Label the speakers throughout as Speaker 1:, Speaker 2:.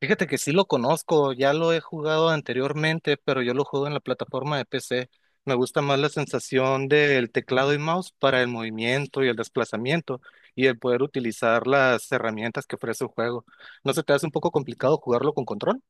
Speaker 1: Fíjate que sí lo conozco, ya lo he jugado anteriormente, pero yo lo juego en la plataforma de PC. Me gusta más la sensación del teclado y mouse para el movimiento y el desplazamiento y el poder utilizar las herramientas que ofrece el juego. ¿No se te hace un poco complicado jugarlo con control?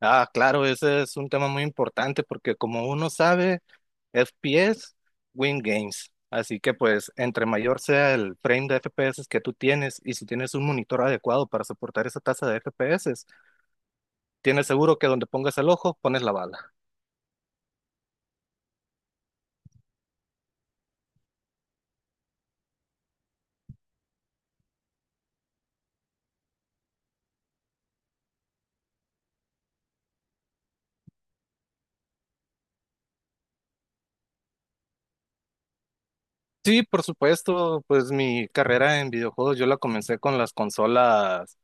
Speaker 1: Ah, claro, ese es un tema muy importante porque como uno sabe, FPS win games. Así que pues entre mayor sea el frame de FPS que tú tienes y si tienes un monitor adecuado para soportar esa tasa de FPS, tienes seguro que donde pongas el ojo, pones la bala. Sí, por supuesto, pues mi carrera en videojuegos yo la comencé con las consolas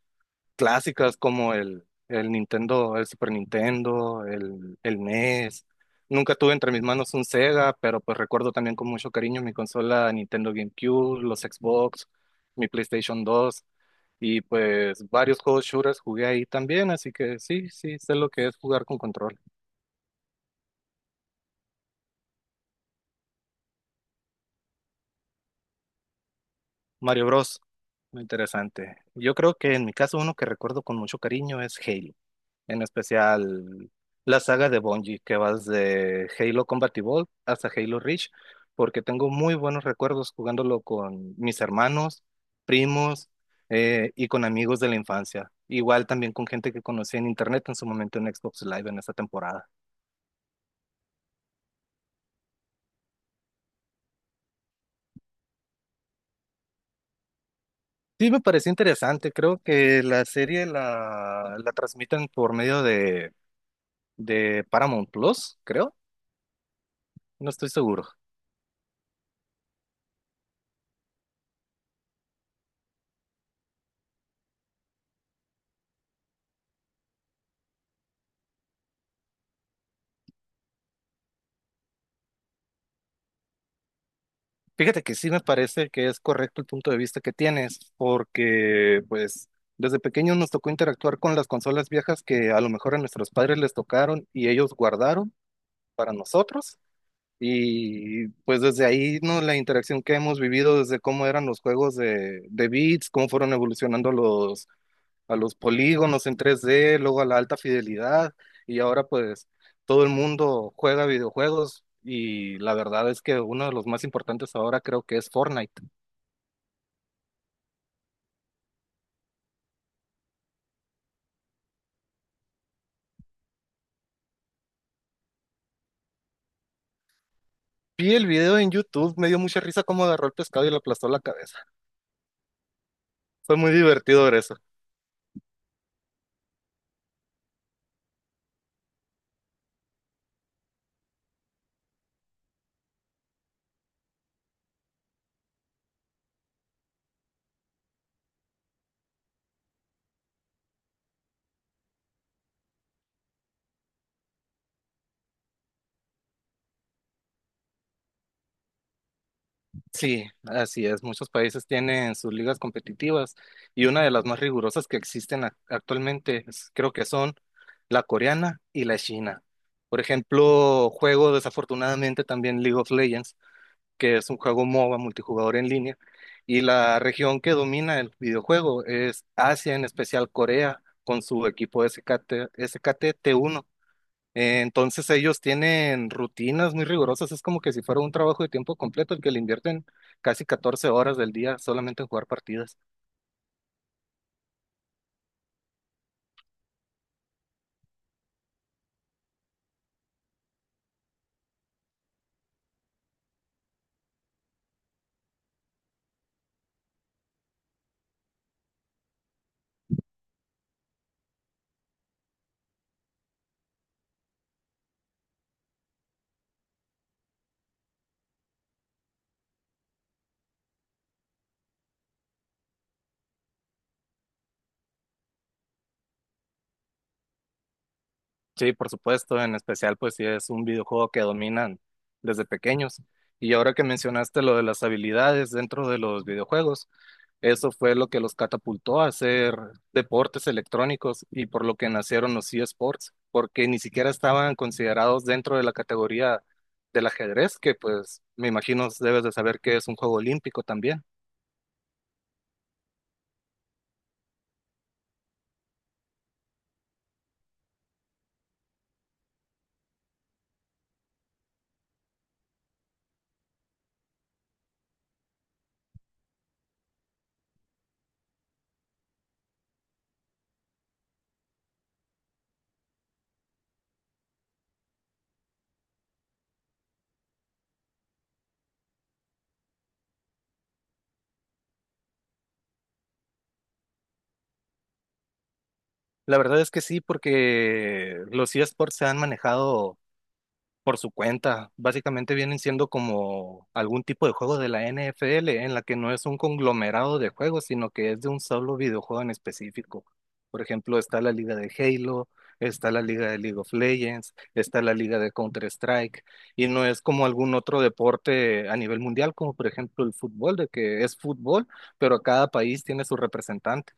Speaker 1: clásicas como el Nintendo, el Super Nintendo, el NES. Nunca tuve entre mis manos un Sega, pero pues recuerdo también con mucho cariño mi consola Nintendo GameCube, los Xbox, mi PlayStation 2 y pues varios juegos shooters jugué ahí también, así que sí, sí, sé lo que es jugar con control. Mario Bros. Muy interesante. Yo creo que en mi caso uno que recuerdo con mucho cariño es Halo, en especial la saga de Bungie, que va de Halo Combat Evolved hasta Halo Reach, porque tengo muy buenos recuerdos jugándolo con mis hermanos, primos, y con amigos de la infancia. Igual también con gente que conocí en internet en su momento en Xbox Live en esa temporada. Sí, me pareció interesante. Creo que la serie la transmiten por medio de Paramount Plus, creo. No estoy seguro. Fíjate que sí me parece que es correcto el punto de vista que tienes, porque pues desde pequeños nos tocó interactuar con las consolas viejas que a lo mejor a nuestros padres les tocaron y ellos guardaron para nosotros. Y pues desde ahí, ¿no? La interacción que hemos vivido desde cómo eran los juegos de bits, cómo fueron evolucionando los, a los polígonos en 3D, luego a la alta fidelidad y ahora pues todo el mundo juega videojuegos y la verdad es que uno de los más importantes ahora creo que es Fortnite. Vi el video en YouTube, me dio mucha risa cómo agarró el pescado y le aplastó la cabeza. Fue muy divertido ver eso. Sí, así es. Muchos países tienen sus ligas competitivas y una de las más rigurosas que existen actualmente es, creo que son la coreana y la china. Por ejemplo, juego desafortunadamente también League of Legends, que es un juego MOBA multijugador en línea, y la región que domina el videojuego es Asia, en especial Corea, con su equipo SKT, SKT T1. Entonces ellos tienen rutinas muy rigurosas, es como que si fuera un trabajo de tiempo completo el que le invierten casi 14 horas del día solamente en jugar partidas. Sí, por supuesto, en especial pues si es un videojuego que dominan desde pequeños. Y ahora que mencionaste lo de las habilidades dentro de los videojuegos, eso fue lo que los catapultó a hacer deportes electrónicos y por lo que nacieron los eSports, porque ni siquiera estaban considerados dentro de la categoría del ajedrez, que pues me imagino debes de saber que es un juego olímpico también. La verdad es que sí, porque los eSports se han manejado por su cuenta. Básicamente vienen siendo como algún tipo de juego de la NFL en la que no es un conglomerado de juegos, sino que es de un solo videojuego en específico. Por ejemplo, está la liga de Halo, está la liga de League of Legends, está la liga de Counter-Strike, y no es como algún otro deporte a nivel mundial, como por ejemplo el fútbol, de que es fútbol, pero cada país tiene su representante.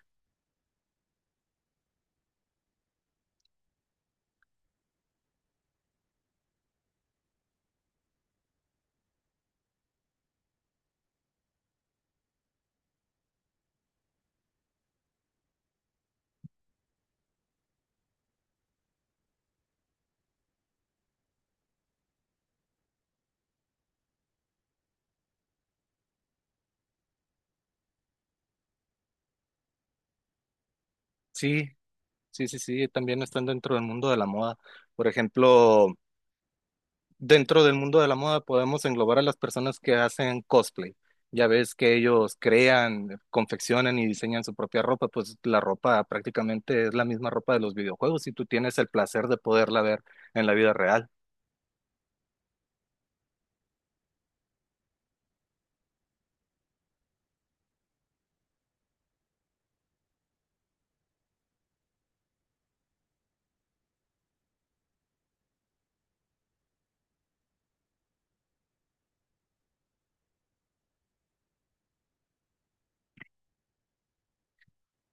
Speaker 1: Sí, sí, sí, sí, también están dentro del mundo de la moda. Por ejemplo, dentro del mundo de la moda podemos englobar a las personas que hacen cosplay. Ya ves que ellos crean, confeccionan y diseñan su propia ropa, pues la ropa prácticamente es la misma ropa de los videojuegos y tú tienes el placer de poderla ver en la vida real.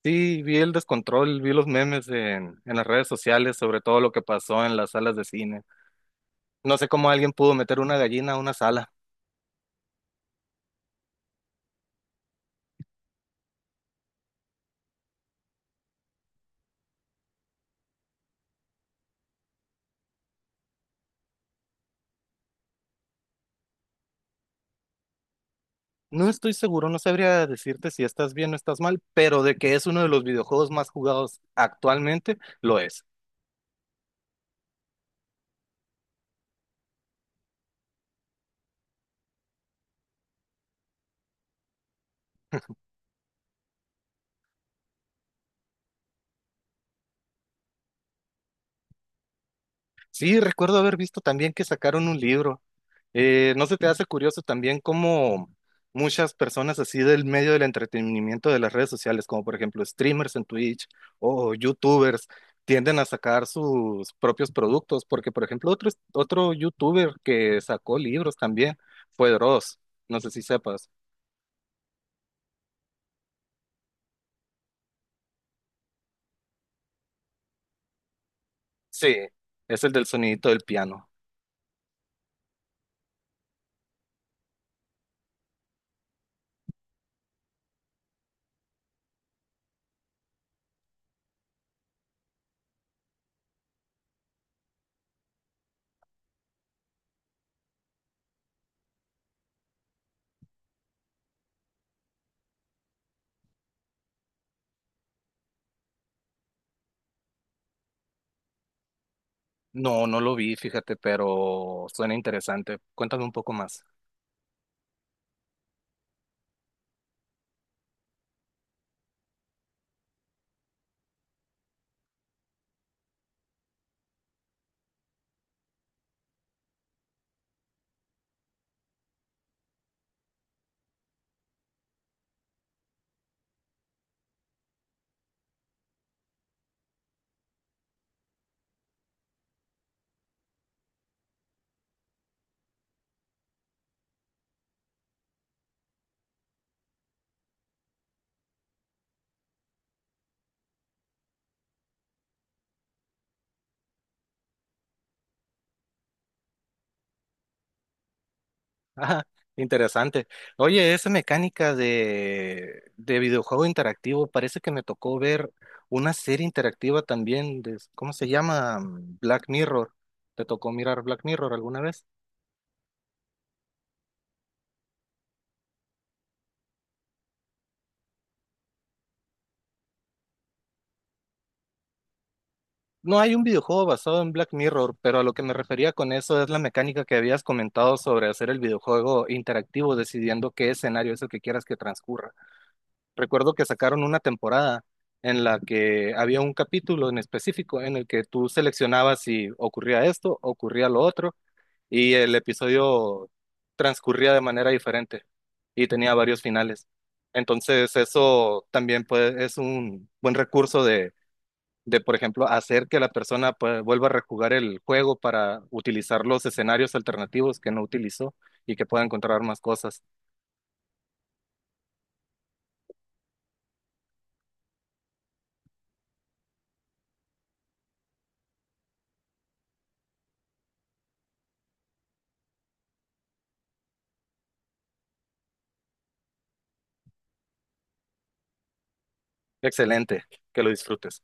Speaker 1: Sí, vi el descontrol, vi los memes en las redes sociales sobre todo lo que pasó en las salas de cine. No sé cómo alguien pudo meter una gallina a una sala. No estoy seguro, no sabría decirte si estás bien o estás mal, pero de que es uno de los videojuegos más jugados actualmente, lo es. Sí, recuerdo haber visto también que sacaron un libro. ¿No se te hace curioso también cómo muchas personas así del medio del entretenimiento de las redes sociales, como por ejemplo streamers en Twitch o youtubers, tienden a sacar sus propios productos? Porque por ejemplo otro youtuber que sacó libros también fue Dross, no sé si sepas. Sí, es el del sonidito del piano. No, no lo vi, fíjate, pero suena interesante. Cuéntame un poco más. Ah, interesante. Oye, esa mecánica de videojuego interactivo, parece que me tocó ver una serie interactiva también de, ¿cómo se llama? Mm, Black Mirror. ¿Te tocó mirar Black Mirror alguna vez? No hay un videojuego basado en Black Mirror, pero a lo que me refería con eso es la mecánica que habías comentado sobre hacer el videojuego interactivo, decidiendo qué escenario es el que quieras que transcurra. Recuerdo que sacaron una temporada en la que había un capítulo en específico en el que tú seleccionabas si ocurría esto, ocurría lo otro, y el episodio transcurría de manera diferente y tenía varios finales. Entonces, eso también puede, es un buen recurso de, por ejemplo, hacer que la persona pues, vuelva a rejugar el juego para utilizar los escenarios alternativos que no utilizó y que pueda encontrar más cosas. Excelente, que lo disfrutes.